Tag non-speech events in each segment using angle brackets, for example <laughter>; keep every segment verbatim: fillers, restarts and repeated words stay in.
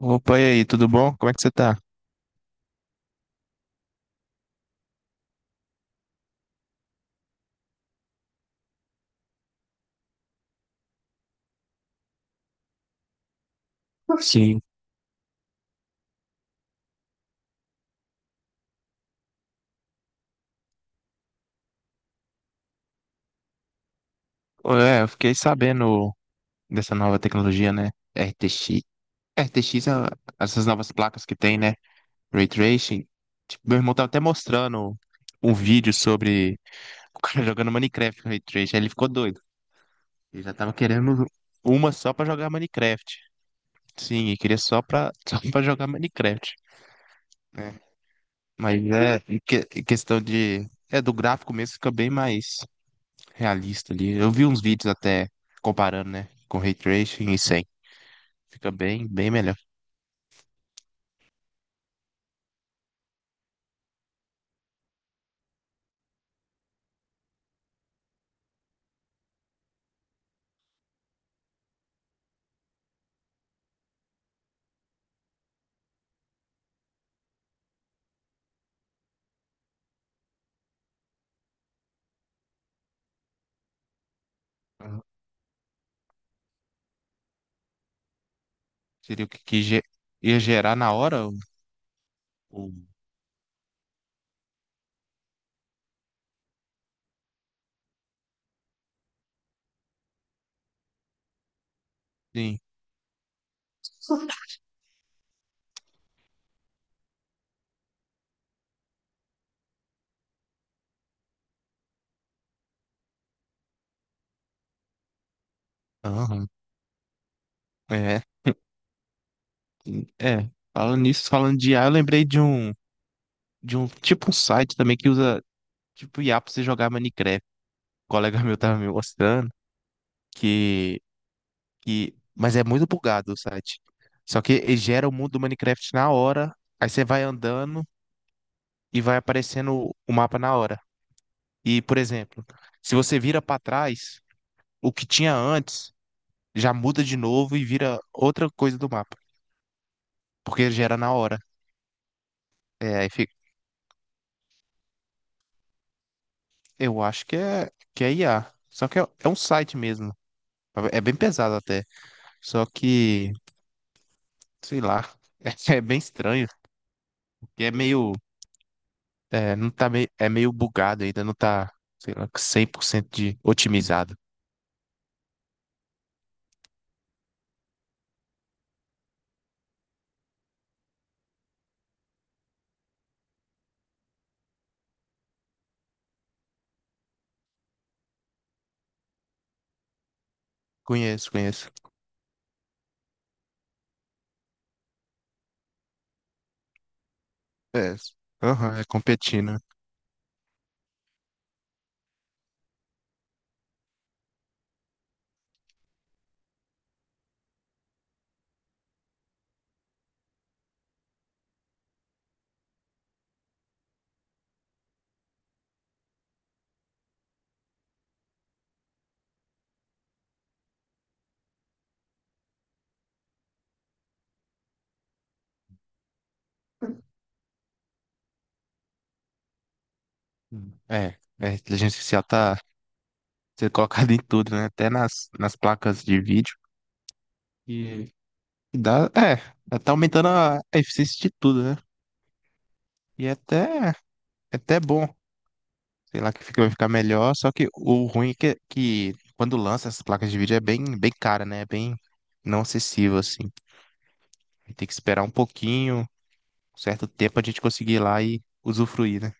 Opa, e aí, tudo bom? Como é que você tá? Ô, é, eu fiquei sabendo dessa nova tecnologia, né? R T X. R T X, a- essas novas placas que tem, né? Ray Tracing. Tipo, meu irmão tava até mostrando um vídeo sobre o cara <laughs> jogando Minecraft com Ray Tracing. Aí ele ficou doido. Ele já tava querendo uma só pra jogar Minecraft. Sim, ele queria só pra, <laughs> só pra jogar Minecraft, né? Mas é, em que- em questão de. É, do gráfico mesmo fica bem mais realista ali. Eu vi uns vídeos até comparando, né, com ray tracing e sem. Fica bem, bem melhor. Aham. Seria o que, que ge- ia gerar na hora? O... o- Sim. Aham. É, é. Falando nisso, falando de I A, eu lembrei de um, de um tipo um site também que usa tipo I A pra você jogar Minecraft. O colega meu tava me mostrando que, que, mas é muito bugado o site. Só que ele gera o mundo do Minecraft na hora. Aí você vai andando e vai aparecendo o mapa na hora. E, por exemplo, se você vira para trás, o que tinha antes já muda de novo e vira outra coisa do mapa, porque gera na hora. É, aí fica- eu acho que é, que é I A. Só que é, é um site mesmo. É bem pesado até. Só que, sei lá, <laughs> é, bem estranho, porque é meio, é, não tá meio, é meio bugado ainda, não tá, sei lá, cem por cento de otimizado. Conheço, conheço. É, aham, é competindo. É, é, a inteligência artificial tá ser colocado em tudo, né? Até nas, nas placas de vídeo. E e dá, é, tá aumentando a, a eficiência de tudo, né? E é até, é até bom. Sei lá que fica, vai ficar melhor. Só que o ruim é que, que quando lança essas placas de vídeo é bem, bem cara, né? É bem não acessível, assim. Tem que esperar um pouquinho, um certo tempo a gente conseguir ir lá e usufruir, né?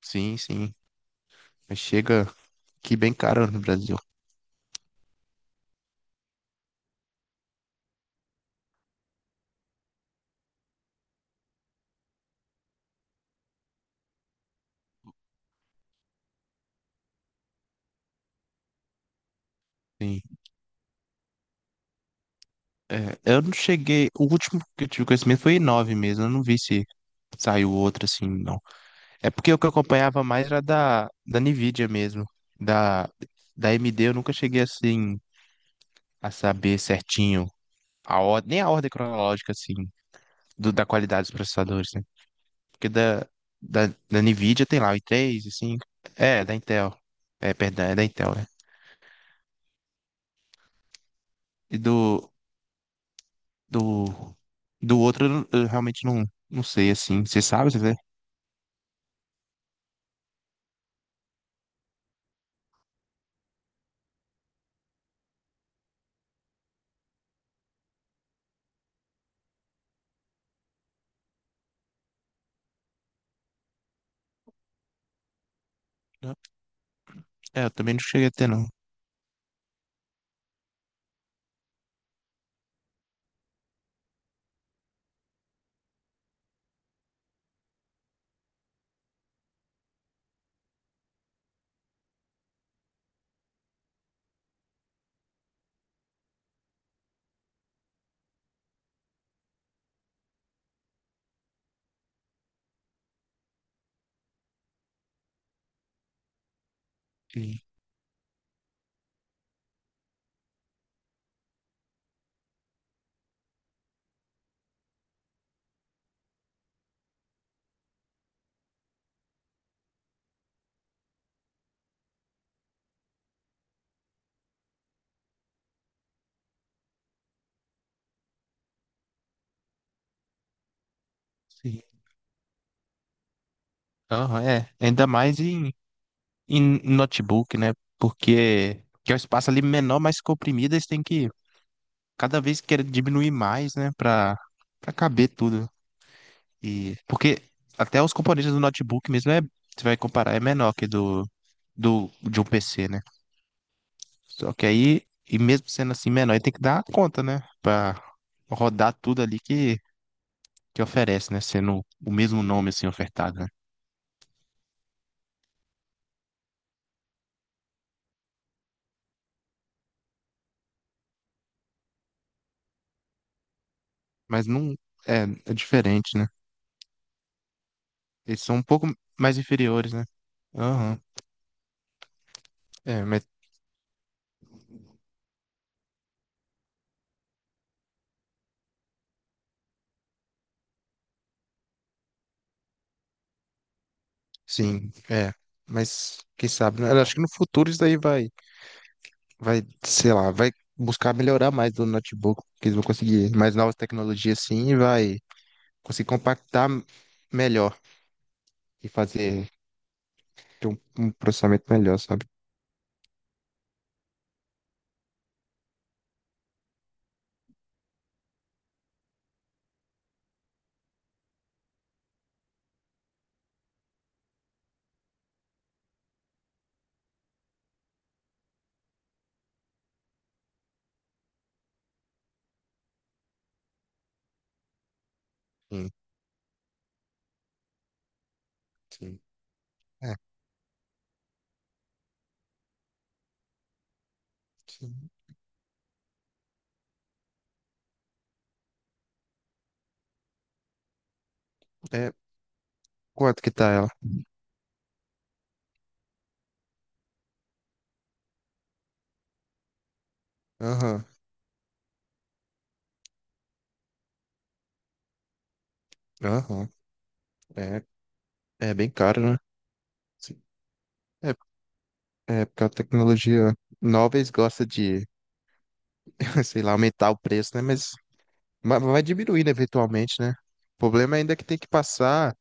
Sim, sim. Mas chega aqui bem caro no Brasil. Sim. É, eu não cheguei. O último que eu tive conhecimento foi nove mesmo. Eu não vi se saiu outro assim, não. É porque o que eu acompanhava mais era da, da Nvidia mesmo. Da, Da A M D eu nunca cheguei assim a saber certinho a ordem, nem a ordem cronológica assim, do- da qualidade dos processadores, né? Porque da, da, da Nvidia tem lá o i três, cinco. É, da Intel. É, perdão, é da Intel, né? E do, do, do outro eu, não- eu realmente não, não sei assim. Você sabe, você vê? É, eu também não cheguei a ter, não. Sim, sim. Aham, é. Ainda mais em, em notebook, né? Porque que é o espaço ali menor, mais comprimido, eles têm que cada vez querer diminuir mais, né? Pra, pra caber tudo. E, porque até os componentes do notebook mesmo, é, você vai comparar, é menor que do, do, de um P C, né? Só que aí, e mesmo sendo assim menor, ele tem que dar conta, né? Pra rodar tudo ali que, que oferece, né? Sendo o mesmo nome assim ofertado. Mas não. É, é diferente, né? Eles são um pouco mais inferiores, né? Aham. É, mas sim, é. Mas quem sabe, né? Eu acho que no futuro isso daí vai, vai, sei lá, vai buscar melhorar mais do notebook, que eles vão conseguir mais novas tecnologias sim e vai conseguir compactar melhor e fazer ter um, um processamento melhor, sabe? Sim, sim. É, sim. É, quanto que tá ela? Aham, aham. É, é bem caro, né? Sim. É, é porque a tecnologia nova eles gostam de, <laughs> sei lá, aumentar o preço, né? Mas, mas vai diminuindo eventualmente, né? O problema ainda é que tem que passar,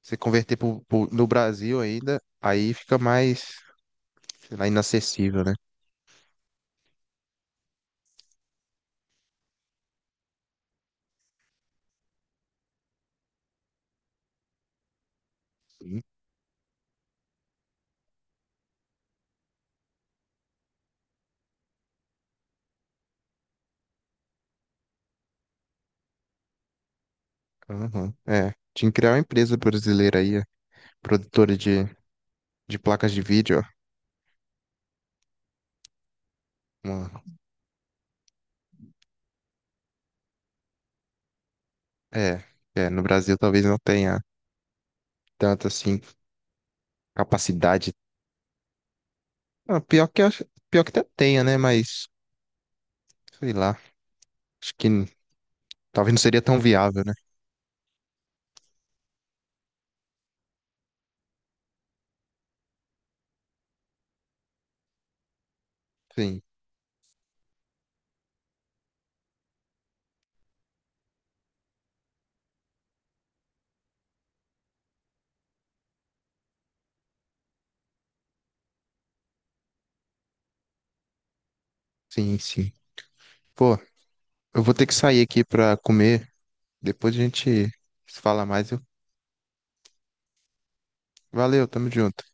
se converter pro, pro- no Brasil ainda, aí fica mais, sei lá, inacessível, né? Sim. Aham. É, tinha que criar uma empresa brasileira aí, produtora de, de placas de vídeo, ó. Uma- é, é, no Brasil talvez não tenha tanta, assim, capacidade. Ah, pior que, eu acho- pior que até tenha, né? Mas, sei lá, acho que n- talvez não seria tão viável, né? Sim, sim, sim. Pô, eu vou ter que sair aqui pra comer, depois a gente se fala mais, viu? Valeu, tamo junto.